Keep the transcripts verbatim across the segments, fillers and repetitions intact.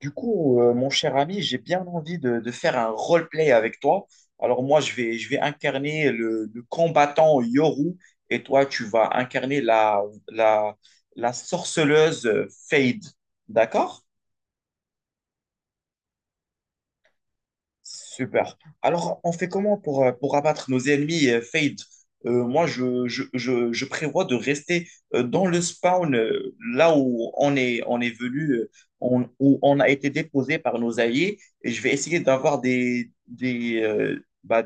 Du coup, euh, mon cher ami, j'ai bien envie de, de faire un roleplay avec toi. Alors moi, je vais, je vais incarner le, le combattant Yoru et toi, tu vas incarner la, la, la sorceleuse Fade. D'accord? Super. Alors, on fait comment pour, euh, pour abattre nos ennemis euh, Fade? Euh, moi, je, je, je, je prévois de rester euh, dans le spawn, euh, là où on est, on est venu, euh, on- où on a été déposé par nos alliés, et je vais essayer d'avoir des, des, euh, bah,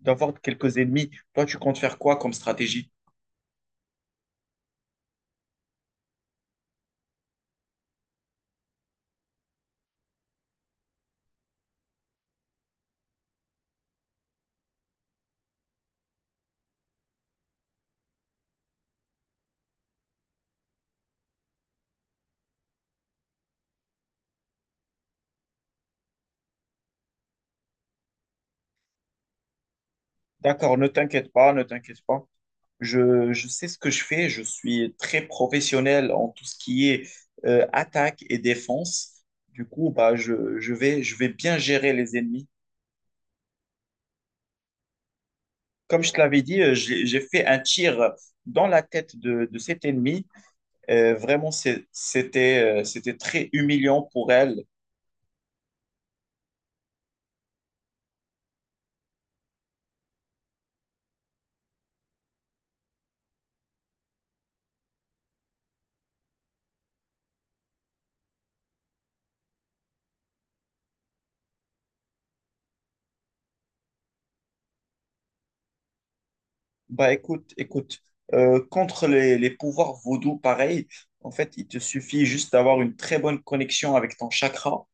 d'avoir quelques ennemis. Toi, tu comptes faire quoi comme stratégie? D'accord, ne t'inquiète pas, ne t'inquiète pas. Je, je sais ce que je fais, je suis très professionnel en tout ce qui est euh, attaque et défense. Du coup, bah, je, je vais, je vais bien gérer les ennemis. Comme je te l'avais dit, euh, j'ai, j'ai fait un tir dans la tête de, de cet ennemi. Euh, vraiment, c'est- c'était, euh, c'était très humiliant pour elle. Bah, écoute, écoute, euh, contre les, les pouvoirs vaudous, pareil, en fait, il te suffit juste d'avoir une très bonne connexion avec ton chakra.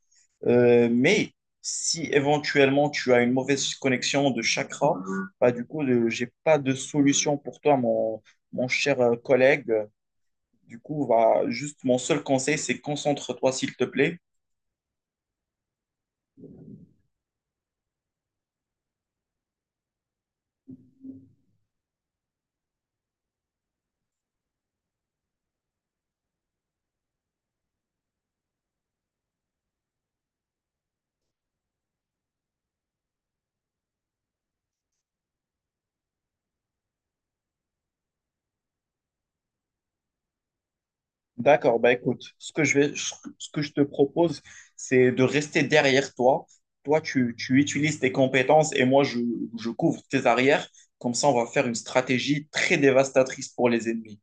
Euh, mais si éventuellement tu as une mauvaise connexion de chakra, bah, du coup, je j'ai pas de solution pour toi, mon, mon cher euh, collègue. Du coup, va juste mon seul conseil, c'est concentre-toi, s'il te plaît. D'accord, bah écoute, ce que je vais, ce que je te propose, c'est de rester derrière toi. Toi, tu, tu utilises tes compétences et moi, je, je couvre tes arrières. Comme ça, on va faire une stratégie très dévastatrice pour les ennemis.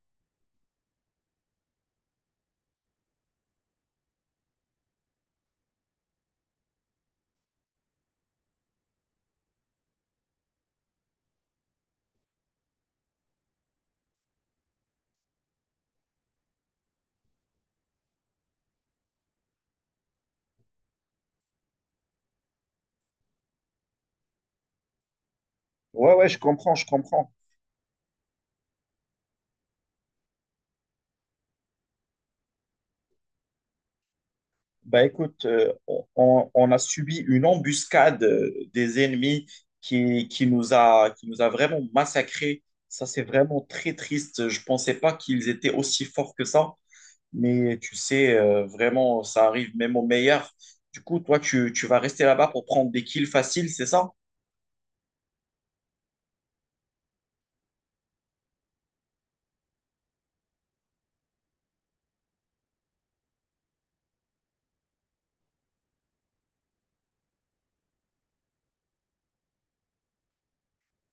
Ouais, ouais, je comprends, je comprends. Bah écoute, euh, on, on a subi une embuscade euh, des ennemis qui, qui nous a, qui nous a vraiment massacrés. Ça, c'est vraiment très triste. Je pensais pas qu'ils étaient aussi forts que ça. Mais tu sais, euh, vraiment, ça arrive même aux meilleurs. Du coup, toi, tu, tu vas rester là-bas pour prendre des kills faciles, c'est ça?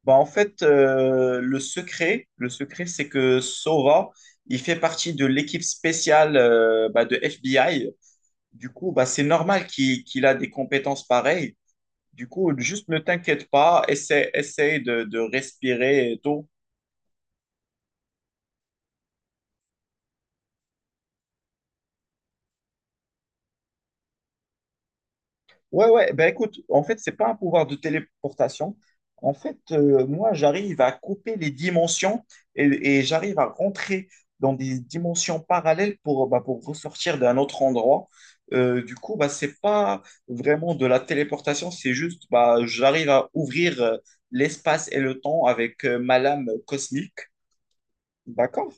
Bah en fait, euh, le secret, le secret, c'est que Sova, il fait partie de l'équipe spéciale euh, bah, de F B I. Du coup, bah, c'est normal qu'il qu'il a des compétences pareilles. Du coup, juste ne t'inquiète pas, essaie, essaie de, de respirer et tout. Ouais, ouais, ben écoute, en fait, c'est pas un pouvoir de téléportation. En fait, euh, moi, j'arrive à couper les dimensions et, et j'arrive à rentrer dans des dimensions parallèles pour, bah, pour ressortir d'un autre endroit. Euh, du coup, bah, c'est pas vraiment de la téléportation, c'est juste, bah, j'arrive à ouvrir euh, l'espace et le temps avec euh, ma lame cosmique. D'accord.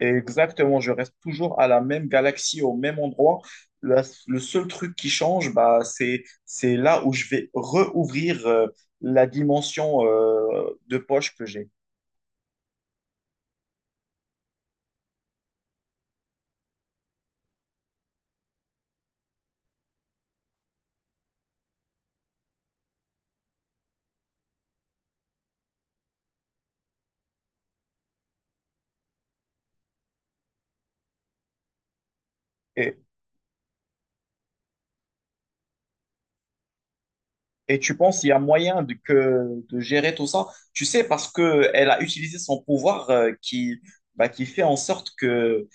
Et exactement, je reste toujours à la même galaxie, au même endroit. La- le seul truc qui change, bah, c'est, c'est là où je vais rouvrir euh, la dimension euh, de poche que j'ai. Et, et tu penses qu'il y a moyen de, que, de gérer tout ça? Tu sais, parce que elle a utilisé son pouvoir euh, qui, bah, qui fait en sorte que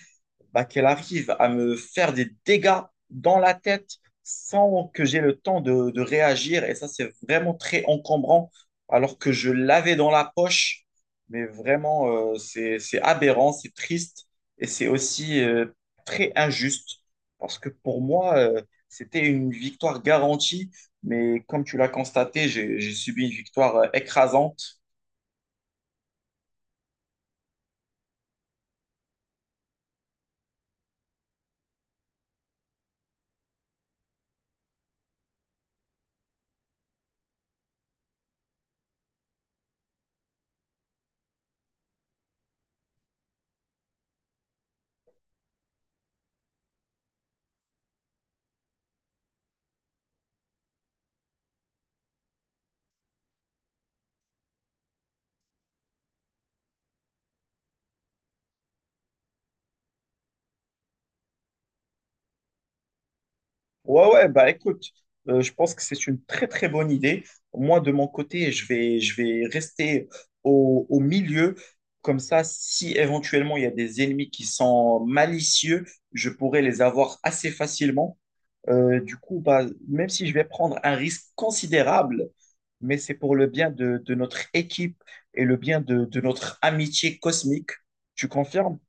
bah, qu'elle arrive à me faire des dégâts dans la tête sans que j'ai le temps de, de réagir. Et ça, c'est vraiment très encombrant, alors que je l'avais dans la poche. Mais vraiment, euh, c'est, c'est aberrant, c'est triste et c'est aussi euh, très injuste, parce que pour moi, euh, c'était une victoire garantie. Mais comme tu l'as constaté, j'ai j'ai subi une victoire euh, écrasante. Ouais, ouais, bah écoute, euh, je pense que c'est une très très bonne idée. Moi, de mon côté, je vais, je vais rester au, au milieu. Comme ça, si éventuellement il y a des ennemis qui sont malicieux, je pourrais les avoir assez facilement. Euh, du coup, bah, même si je vais prendre un risque considérable, mais c'est pour le bien de, de notre équipe et le bien de, de notre amitié cosmique. Tu confirmes?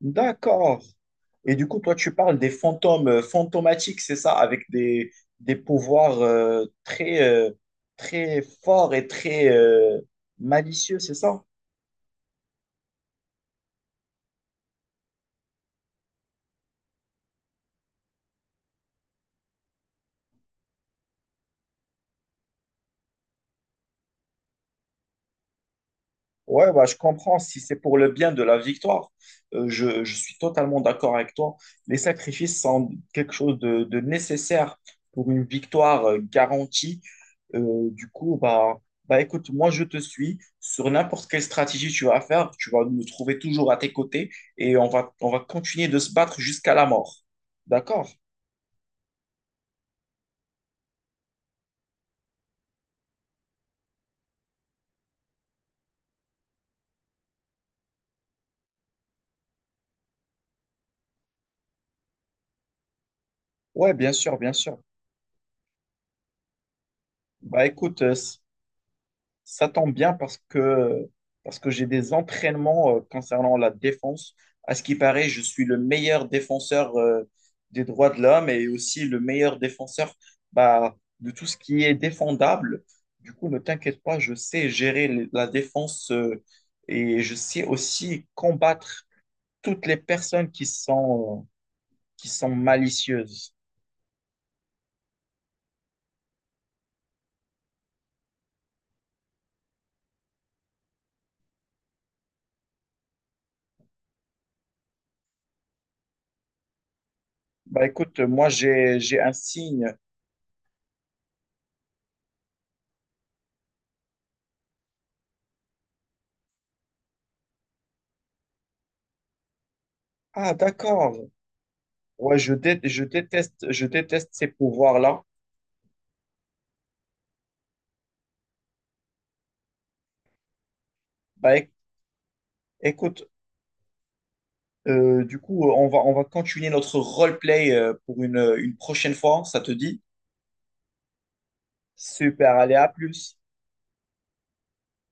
D'accord. Et du coup, toi, tu parles des fantômes euh, fantomatiques, c'est ça, avec des, des pouvoirs euh, très, euh, très forts et très euh, malicieux, c'est ça? Ouais, bah, je comprends. Si c'est pour le bien de la victoire, euh, je, je suis totalement d'accord avec toi. Les sacrifices sont quelque chose de, de nécessaire pour une victoire euh, garantie. Euh, du coup, bah, bah, écoute, moi, je te suis. Sur n'importe quelle stratégie tu vas faire, tu vas me trouver toujours à tes côtés et on va, on va continuer de se battre jusqu'à la mort. D'accord? Ouais, bien sûr, bien sûr. Bah, écoute, euh, ça tombe bien parce que, parce que j'ai des entraînements euh, concernant la défense. À ce qui paraît, je suis le meilleur défenseur euh, des droits de l'homme et aussi le meilleur défenseur bah, de tout ce qui est défendable. Du coup, ne t'inquiète pas, je sais gérer les- la défense euh, et je sais aussi combattre toutes les personnes qui sont, qui sont malicieuses. Bah écoute, moi j'ai, j'ai un signe. Ah d'accord. Ouais, je, dé- je déteste, je déteste ces pouvoirs-là. Bah, éc- écoute, euh, du coup, euh, on va, on va continuer notre roleplay euh, pour une, une prochaine fois. Ça te dit? Super, allez, à plus.